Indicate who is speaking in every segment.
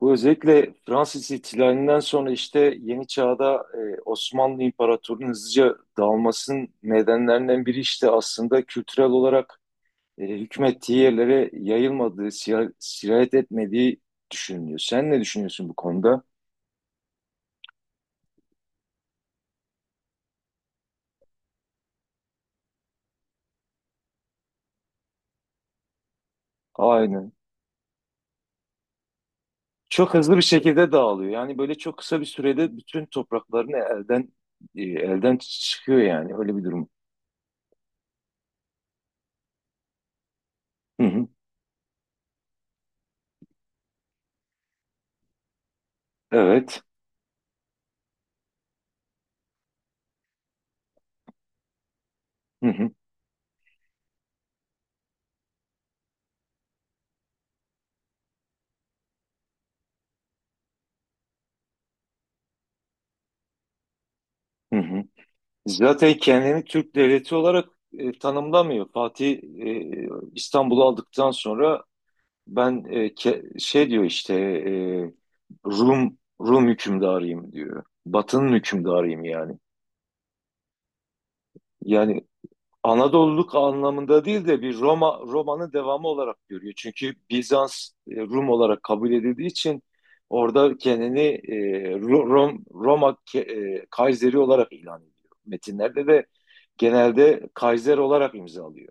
Speaker 1: Bu özellikle Fransız ihtilalinden sonra işte yeni çağda Osmanlı İmparatorluğu'nun hızlıca dağılmasının nedenlerinden biri işte aslında kültürel olarak hükmettiği yerlere yayılmadığı, sirayet etmediği düşünülüyor. Sen ne düşünüyorsun bu konuda? Aynen. Çok hızlı bir şekilde dağılıyor. Yani böyle çok kısa bir sürede bütün topraklarını elden çıkıyor yani öyle bir durum. Hı hı. Evet. Hı hı. Hı hı. Zaten kendini Türk devleti olarak tanımlamıyor. Fatih İstanbul'u aldıktan sonra ben şey diyor işte Rum hükümdarıyım diyor. Batı'nın hükümdarıyım yani. Yani Anadolu'luk anlamında değil de bir Roma'nın devamı olarak görüyor. Çünkü Bizans Rum olarak kabul edildiği için orada kendini e, Ro- Rom, Roma ke- e, Kayseri olarak ilan ediyor. Metinlerde de genelde Kaiser olarak imzalıyor.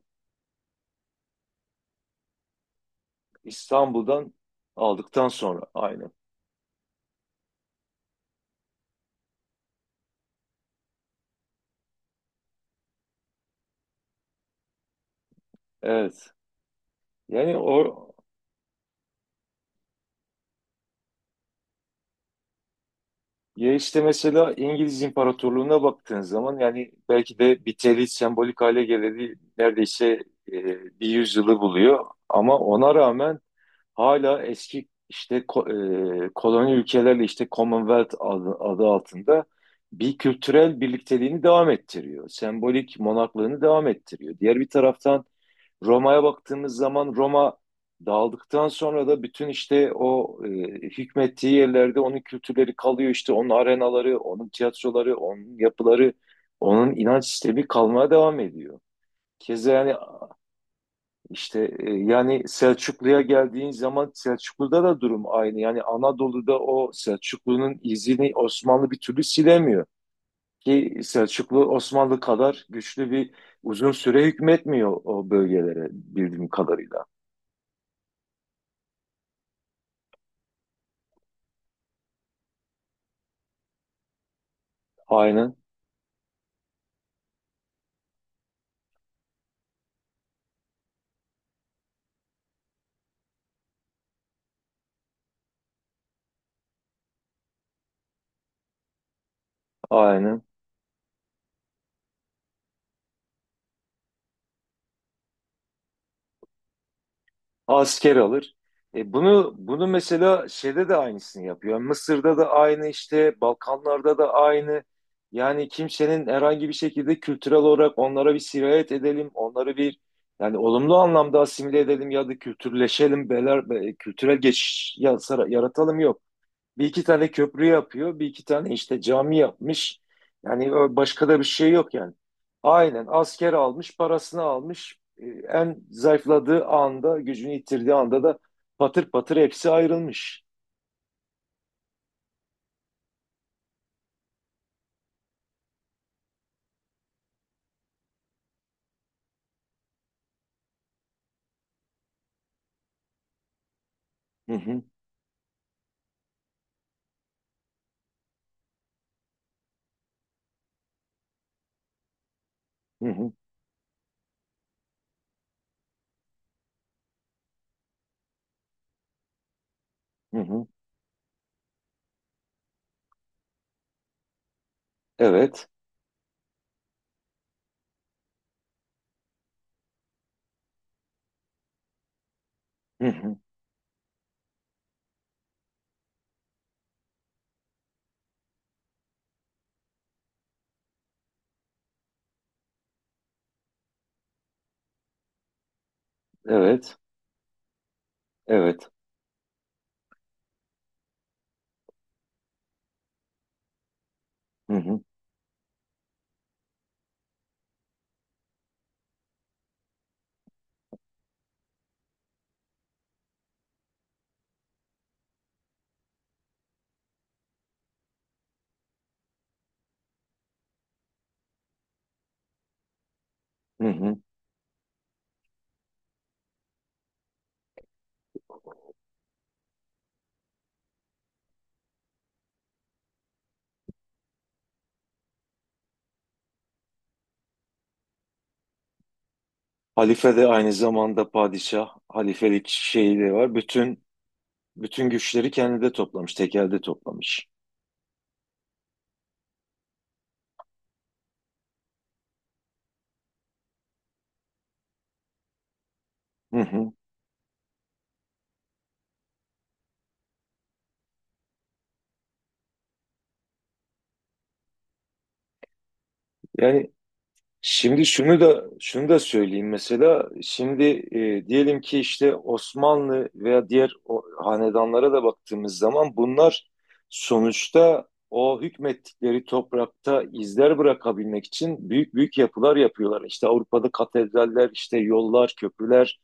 Speaker 1: İstanbul'dan aldıktan sonra aynı. Evet. Yani o Ya işte mesela İngiliz İmparatorluğu'na baktığın zaman yani belki de bir biteli sembolik hale geleli neredeyse e, bir yüzyılı buluyor. Ama ona rağmen hala eski işte koloni ülkelerle işte Commonwealth adı altında bir kültürel birlikteliğini devam ettiriyor. Sembolik monaklığını devam ettiriyor. Diğer bir taraftan Roma'ya baktığımız zaman Roma dağıldıktan sonra da bütün işte o hükmettiği yerlerde onun kültürleri kalıyor, işte onun arenaları, onun tiyatroları, onun yapıları, onun inanç sistemi kalmaya devam ediyor. Keza yani işte yani Selçuklu'ya geldiğin zaman Selçuklu'da da durum aynı. Yani Anadolu'da o Selçuklu'nun izini Osmanlı bir türlü silemiyor. Ki Selçuklu Osmanlı kadar güçlü bir uzun süre hükmetmiyor o bölgelere bildiğim kadarıyla. Aynen, aynen. Asker alır. E bunu mesela şeyde de aynısını yapıyor. Mısır'da da aynı işte, Balkanlarda da aynı. Yani kimsenin herhangi bir şekilde kültürel olarak onlara bir sirayet edelim, onları bir yani olumlu anlamda asimile edelim ya da kültürleşelim, kültürel geçiş yaratalım yok. Bir iki tane köprü yapıyor, bir iki tane işte cami yapmış. Yani başka da bir şey yok yani. Aynen asker almış, parasını almış. En zayıfladığı anda, gücünü yitirdiği anda da patır patır hepsi ayrılmış. Hı hı, hı hı, hı hı. Evet, hı hı, evet, evet. Hı hı, hı hı. Halife de aynı zamanda padişah, halifelik şeyi de var. Bütün güçleri kendinde toplamış, tekelde toplamış. Hı hı. Yani, şimdi şunu da şunu da söyleyeyim mesela şimdi diyelim ki işte Osmanlı veya diğer o, hanedanlara da baktığımız zaman bunlar sonuçta o hükmettikleri toprakta izler bırakabilmek için büyük büyük yapılar yapıyorlar. İşte Avrupa'da katedraller, işte yollar, köprüler,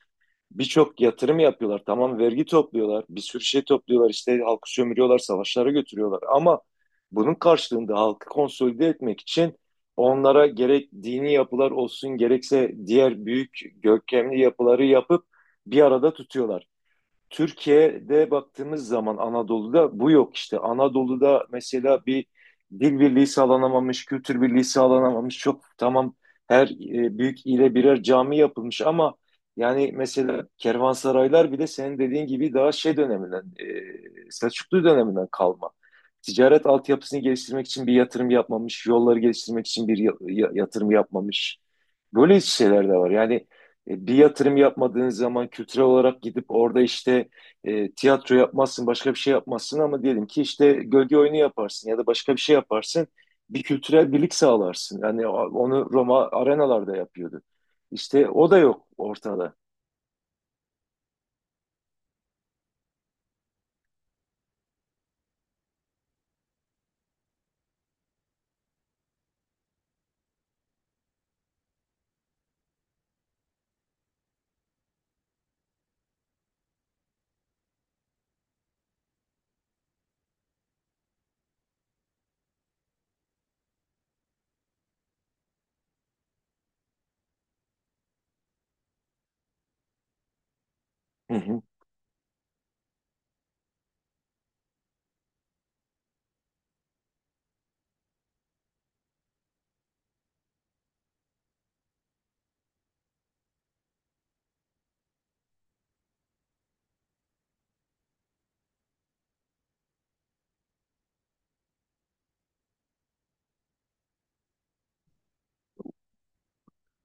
Speaker 1: birçok yatırım yapıyorlar. Tamam, vergi topluyorlar, bir sürü şey topluyorlar, işte halkı sömürüyorlar, savaşlara götürüyorlar. Ama bunun karşılığında halkı konsolide etmek için onlara gerek dini yapılar olsun, gerekse diğer büyük görkemli yapıları yapıp bir arada tutuyorlar. Türkiye'de baktığımız zaman Anadolu'da bu yok işte. Anadolu'da mesela bir dil birliği sağlanamamış, kültür birliği sağlanamamış. Çok tamam, her büyük ile birer cami yapılmış ama yani mesela kervansaraylar bile senin dediğin gibi daha şey döneminden, Selçuklu döneminden kalma. Ticaret altyapısını geliştirmek için bir yatırım yapmamış, yolları geliştirmek için bir yatırım yapmamış. Böyle şeyler de var. Yani bir yatırım yapmadığınız zaman kültürel olarak gidip orada işte tiyatro yapmazsın, başka bir şey yapmazsın ama diyelim ki işte gölge oyunu yaparsın ya da başka bir şey yaparsın. Bir kültürel birlik sağlarsın. Yani onu Roma arenalarda yapıyordu. İşte o da yok ortada. Hı hı.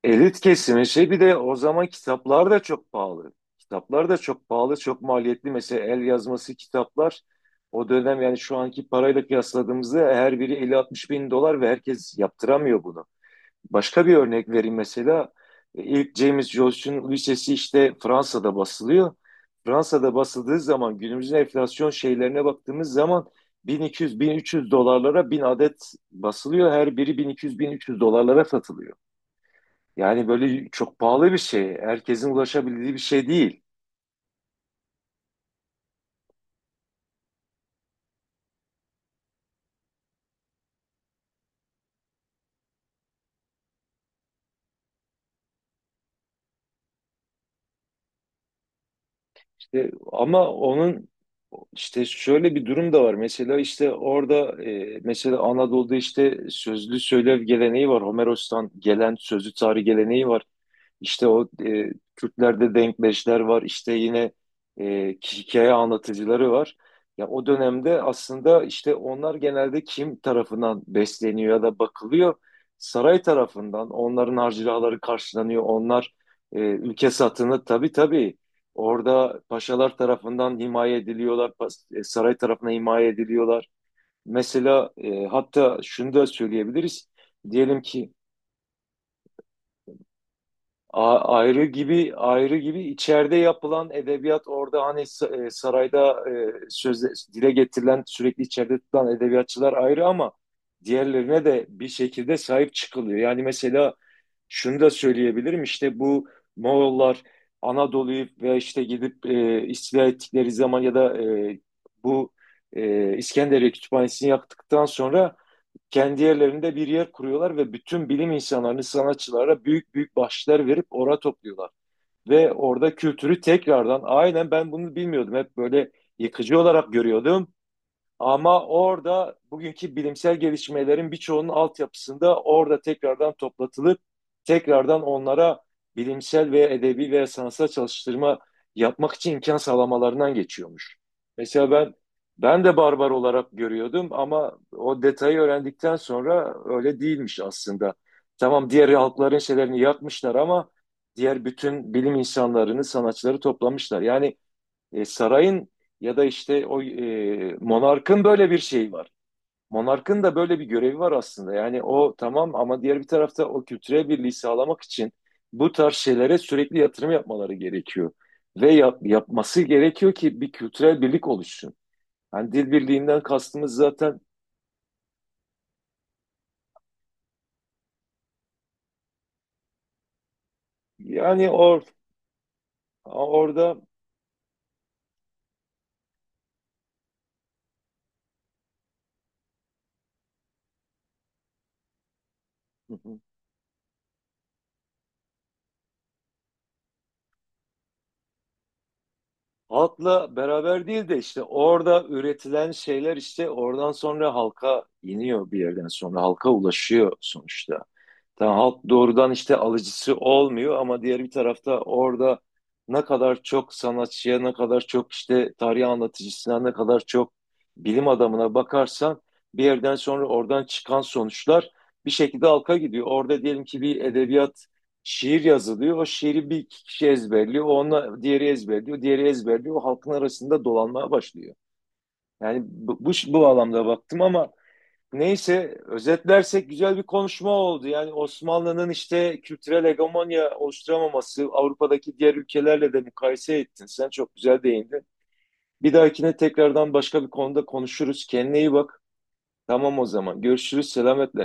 Speaker 1: Elit kesimi şey bir de o zaman kitaplar da çok pahalı. Kitaplar da çok pahalı, çok maliyetli. Mesela el yazması kitaplar o dönem yani şu anki parayla kıyasladığımızda her biri 50-60 bin dolar ve herkes yaptıramıyor bunu. Başka bir örnek vereyim mesela. İlk James Joyce'un Lisesi işte Fransa'da basılıyor. Fransa'da basıldığı zaman günümüzün enflasyon şeylerine baktığımız zaman 1200-1300 dolarlara 1000 adet basılıyor. Her biri 1200-1300 dolarlara satılıyor. Yani böyle çok pahalı bir şey. Herkesin ulaşabildiği bir şey değil. İşte ama onun işte şöyle bir durum da var. Mesela işte orada mesela Anadolu'da işte sözlü söylev geleneği var. Homeros'tan gelen sözlü tarih geleneği var. İşte o, Kürtlerde denkleşler var. İşte yine hikaye anlatıcıları var. Ya o dönemde aslında işte onlar genelde kim tarafından besleniyor ya da bakılıyor? Saray tarafından. Onların harcırahları karşılanıyor. Onlar ülke satını tabii, tabii, orada paşalar tarafından himaye ediliyorlar. Saray tarafına himaye ediliyorlar. Mesela hatta şunu da söyleyebiliriz. Diyelim ki ayrı gibi, ayrı gibi içeride yapılan edebiyat orada hani sarayda sözde dile getirilen sürekli içeride tutulan edebiyatçılar ayrı ama diğerlerine de bir şekilde sahip çıkılıyor. Yani mesela şunu da söyleyebilirim işte bu Moğollar Anadolu'yu ve işte gidip istila ettikleri zaman ya da bu İskenderiye Kütüphanesi'ni yaktıktan sonra kendi yerlerinde bir yer kuruyorlar ve bütün bilim insanlarını, sanatçılara büyük büyük bahşişler verip oraya topluyorlar. Ve orada kültürü tekrardan, aynen, ben bunu bilmiyordum, hep böyle yıkıcı olarak görüyordum. Ama orada bugünkü bilimsel gelişmelerin birçoğunun altyapısında orada tekrardan toplatılıp tekrardan onlara bilimsel veya edebi veya sanatsal çalıştırma yapmak için imkan sağlamalarından geçiyormuş. Mesela ben de barbar olarak görüyordum ama o detayı öğrendikten sonra öyle değilmiş aslında. Tamam, diğer halkların şeylerini yakmışlar ama diğer bütün bilim insanlarını, sanatçıları toplamışlar. Yani sarayın ya da işte o, monarkın böyle bir şeyi var. Monarkın da böyle bir görevi var aslında. Yani o tamam ama diğer bir tarafta o kültürel birliği sağlamak için bu tarz şeylere sürekli yatırım yapmaları gerekiyor. Ve yapması gerekiyor ki bir kültürel birlik oluşsun. Yani dil birliğinden kastımız zaten yani, orada halkla beraber değil de işte orada üretilen şeyler işte oradan sonra halka iniyor, bir yerden sonra halka ulaşıyor sonuçta. Tamam, halk doğrudan işte alıcısı olmuyor ama diğer bir tarafta orada ne kadar çok sanatçıya, ne kadar çok işte tarih anlatıcısına, ne kadar çok bilim adamına bakarsan bir yerden sonra oradan çıkan sonuçlar bir şekilde halka gidiyor. Orada diyelim ki bir edebiyat şiir yazılıyor. O şiiri bir iki kişi ezberliyor. Ona diğeri ezberliyor. Diğeri ezberliyor. O halkın arasında dolanmaya başlıyor. Yani bu anlamda baktım ama neyse, özetlersek güzel bir konuşma oldu. Yani Osmanlı'nın işte kültürel hegemonya oluşturamaması Avrupa'daki diğer ülkelerle de mukayese ettin. Sen çok güzel değindin. Bir dahakine tekrardan başka bir konuda konuşuruz. Kendine iyi bak. Tamam o zaman. Görüşürüz. Selametle.